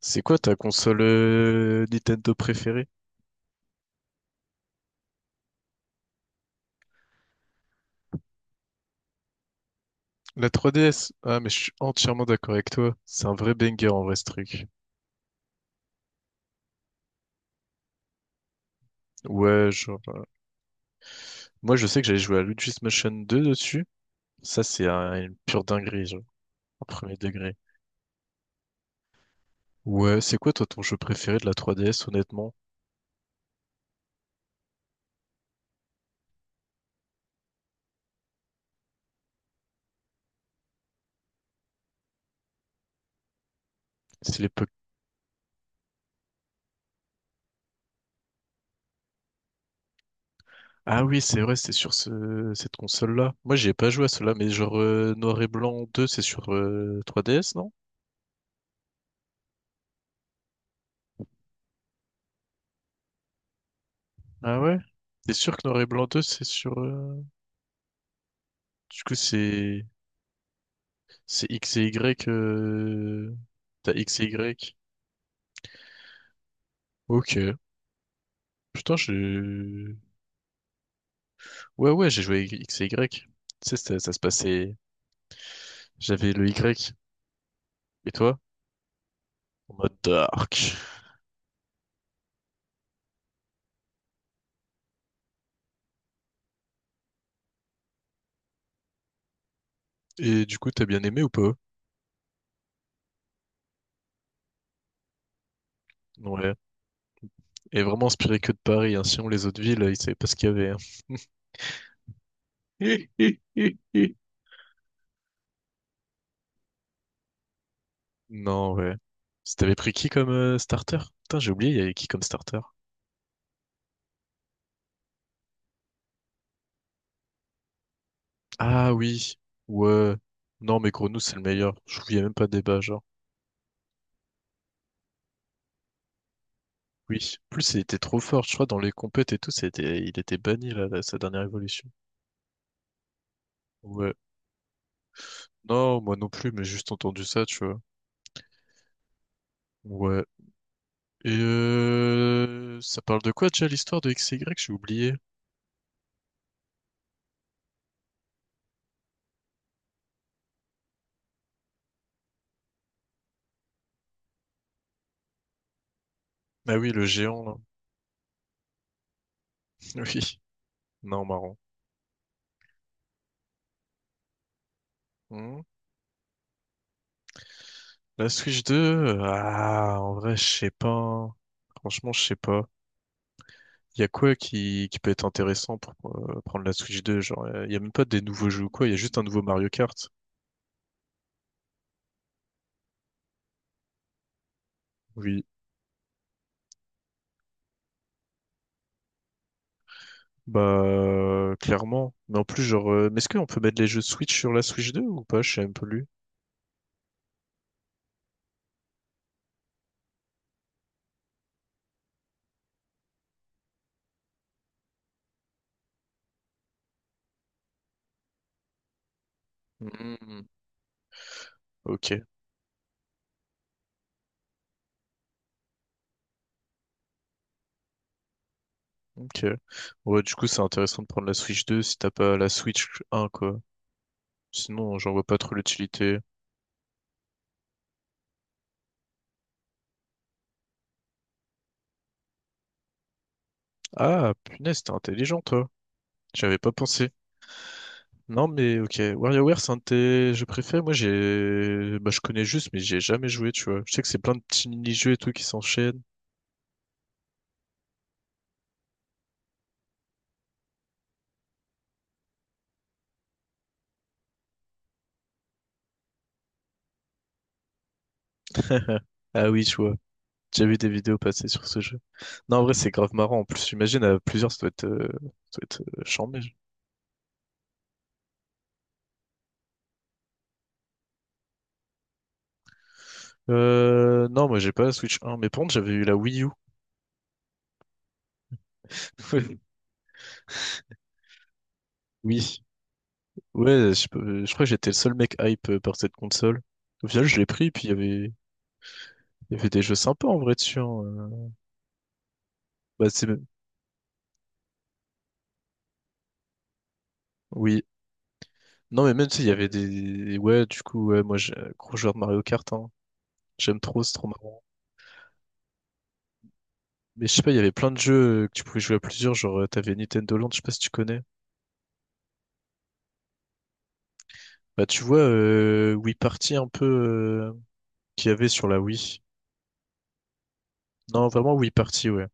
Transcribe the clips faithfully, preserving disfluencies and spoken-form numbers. C'est quoi ta console euh, Nintendo préférée? La trois D S? Ah, mais je suis entièrement d'accord avec toi. C'est un vrai banger en vrai ce truc. Ouais, genre. euh, Moi, je sais que j'avais joué à Luigi's Mansion deux dessus. Ça, c'est un- une pure dinguerie, genre. Au premier degré. Ouais, c'est quoi toi ton jeu préféré de la trois D S, honnêtement? C'est l'époque. Ah oui, c'est vrai, c'est sur ce... cette console-là. Moi, j'y ai pas joué à cela, mais genre euh, Noir et Blanc deux, c'est sur euh, trois D S, non? Ah ouais? T'es sûr que Noir et Blanc deux, c'est sur... euh, Du coup, c'est... C'est X et Y. euh, T'as X et Y. Ok. Putain, je. Ouais, ouais, j'ai joué avec X et Y. Tu sais, ça, ça se passait. J'avais le Y. Et toi? En mode dark. Et du coup, t'as bien aimé ou pas? Ouais. Et vraiment inspiré que de Paris, hein. Sinon, les autres villes, ils savaient pas ce qu'il y avait, hein. Hi, hi, hi, hi. Non, ouais. Si t'avais pris qui comme euh, starter? Putain, j'ai oublié, il y avait qui comme starter? Ah oui, ouais. Non, mais Grenouille, c'est le meilleur. Je trouve qu'il y a même pas de débat, genre. Oui, en plus il était trop fort, je crois, dans les compètes et tout, c'était, il était banni là, là, sa dernière évolution. Ouais. Non, moi non plus, mais juste entendu ça, tu vois. Ouais. Et euh, ça parle de quoi déjà l'histoire de X XY? J'ai oublié. Ah oui, le géant là. Oui. Non, marrant. Hmm. La Switch deux, euh, ah, en vrai, je sais pas, hein. Franchement, je sais pas. Il y a quoi qui, qui peut être intéressant pour euh, prendre la Switch deux? Genre, il y a même pas des nouveaux jeux ou quoi, il y a juste un nouveau Mario Kart. Oui. Bah, clairement. Mais en plus, genre, euh, mais est-ce qu'on peut mettre les jeux Switch sur la Switch deux ou pas? Je sais même plus. Mhm. Ok, ok. Ouais, du coup, c'est intéressant de prendre la Switch deux si t'as pas la Switch un, quoi. Sinon, j'en vois pas trop l'utilité. Ah, punaise, t'es intelligent, toi. J'avais pas pensé. Non, mais ok. WarioWare, c'est un de tes jeux préférés. Moi, j'ai, bah, je connais juste, mais j'ai jamais joué, tu vois. Je sais que c'est plein de petits mini-jeux et tout qui s'enchaînent. Ah oui, tu vois. J'ai vu des vidéos passer sur ce jeu. Non, en vrai, c'est grave marrant. En plus, j'imagine à plusieurs, ça doit être, euh, ça doit être euh, chambé. Euh, non, moi, j'ai pas la Switch un, mais par contre, j'avais eu la Wii U. Oui. Ouais, je, peux- je crois que j'étais le seul mec hype euh, par cette console. Au final, je l'ai pris, puis il y avait, il y avait des jeux sympas en vrai dessus, hein. Euh, Bah, c'est, oui. Non, mais même si il y avait des, ouais, du coup, ouais, moi, j'ai un gros joueur de Mario Kart, hein. J'aime trop, c'est trop marrant. Mais je sais pas, il y avait plein de jeux euh, que tu pouvais jouer à plusieurs, genre, euh, t'avais Nintendo Land, je sais pas si tu connais. Bah, tu vois, euh, Wii Party un peu euh, qu'il y avait sur la Wii. Non, vraiment Wii Party, ouais.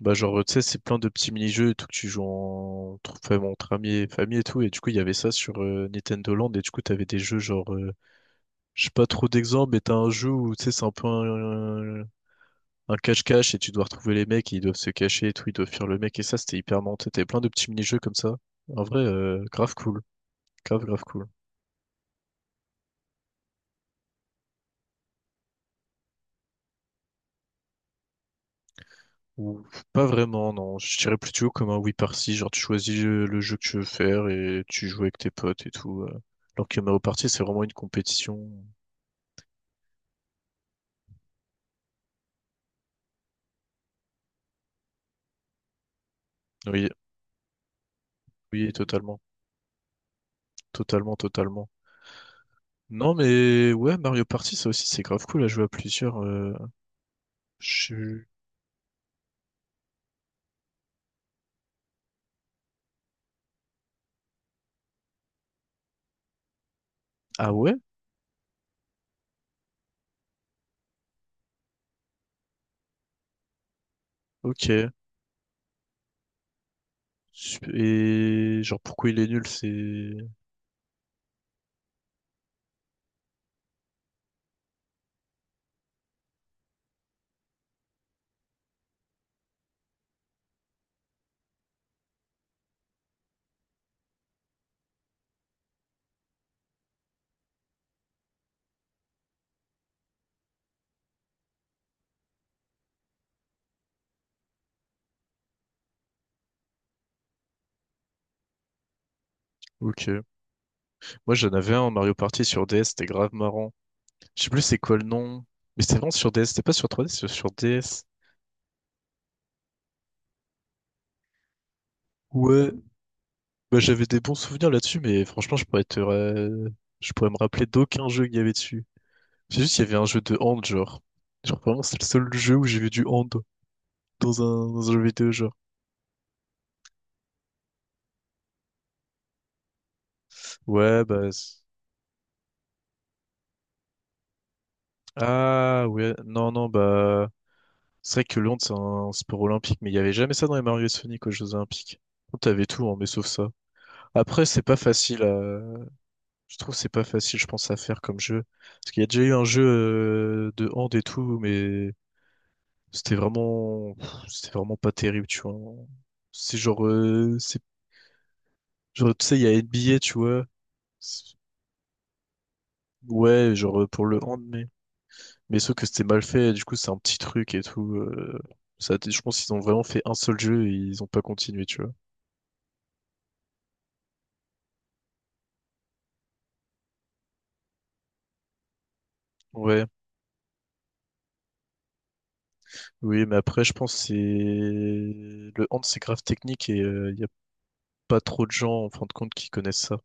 Bah, genre, tu sais, c'est plein de petits mini-jeux et tout que tu joues en... entre fam- entre amis et famille et tout. Et du coup, il y avait ça sur euh, Nintendo Land. Et du coup, t'avais des jeux genre, euh, je sais pas trop d'exemples, mais t'as un jeu où, tu sais, c'est un peu un un cache-cache et tu dois retrouver les mecs et ils doivent se cacher et tout. Ils doivent fuir le mec. Et ça, c'était hyper monté. T'avais plein de petits mini-jeux comme ça. En vrai, euh, grave cool. Grave, grave cool. Ou pas vraiment, non. Je dirais plutôt comme un oui party, genre tu choisis euh, le jeu que tu veux faire et tu joues avec tes potes et tout. Euh. Alors que Mario Party, c'est vraiment une compétition. Oui, oui, totalement. Totalement, totalement. Non, mais ouais, Mario Party, ça aussi, c'est grave cool à jouer à plusieurs. euh, je- Ah ouais? Ok. Sup- Et genre, pourquoi il est nul, c'est... Ok. Moi, j'en avais un, Mario Party sur D S, c'était grave marrant. Je sais plus c'est quoi le nom. Mais c'était vraiment sur D S, c'était pas sur trois D c'était sur D S. Ouais, bah, j'avais des bons souvenirs là-dessus, mais franchement, je pourrais te, ra- je pourrais me rappeler d'aucun jeu qu'il y avait dessus. C'est juste, il y avait un jeu de hand, genre. Genre, vraiment, c'est le seul jeu où j'ai vu du hand dans un, dans un jeu vidéo, genre. Ouais, bah. c'est- Ah, ouais, non, non, bah. C'est vrai que le hand, c'est un sport olympique, mais il y avait jamais ça dans les Mario et Sonic aux Jeux Olympiques. T'avais tout, hein, mais sauf ça. Après, c'est pas facile à... Je trouve que c'est pas facile, je pense, à faire comme jeu. Parce qu'il y a déjà eu un jeu euh, de hand et tout, mais C'était vraiment, c'était vraiment pas terrible, tu vois. C'est genre, euh, c'est genre, tu sais, il y a N B A, tu vois. C'est- Ouais, genre euh, pour le hand, mais mais sauf que c'était mal fait. Du coup, c'est un petit truc et tout. Euh, ça, a été- je pense qu'ils ont vraiment fait un seul jeu et ils ont pas continué, tu vois. Ouais, oui, mais après, je pense que c'est le hand, c'est grave technique et euh, il y a pas trop de gens en fin de compte qui connaissent ça.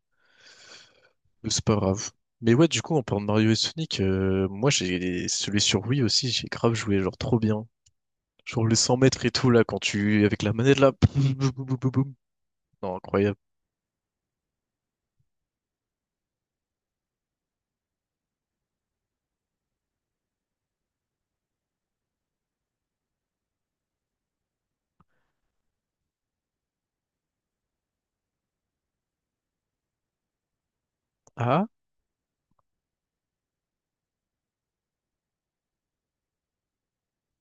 Mais c'est pas grave. Mais ouais, du coup, en parlant de Mario et Sonic, euh, moi j'ai celui sur Wii aussi, j'ai grave joué, genre trop bien. Genre les cent mètres et tout, là, quand tu... Avec la manette, là... boum, boum, boum, boum, boum, boum. Non, incroyable. Ah,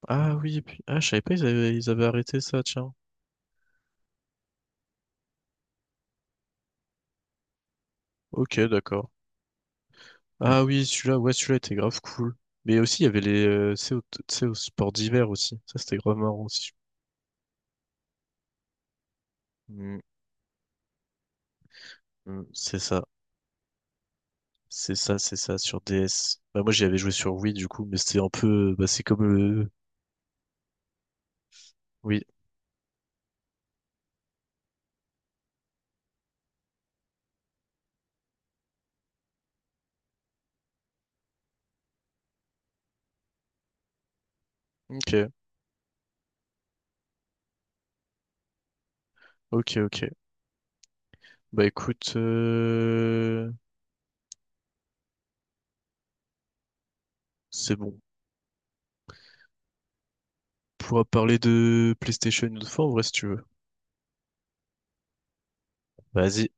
ah oui, et puis... Ah, je savais pas, ils avaient, ils avaient arrêté ça, tiens. Ok, d'accord. Ah oui, celui-là, ouais, celui-là était grave cool. Mais aussi, il y avait les... euh, tu sais, au, tu sais, au sport d'hiver aussi. Ça, c'était grave marrant aussi. Mm, mm, c'est ça. C'est ça, c'est ça, sur D S. Bah, moi, j'y avais joué sur Wii, du coup, mais c'était un peu... Bah, c'est comme le... Oui, ok, ok, ok. Bah, écoute... euh, C'est bon. Pourra parler de PlayStation une autre fois, en vrai, si tu veux. Vas-y,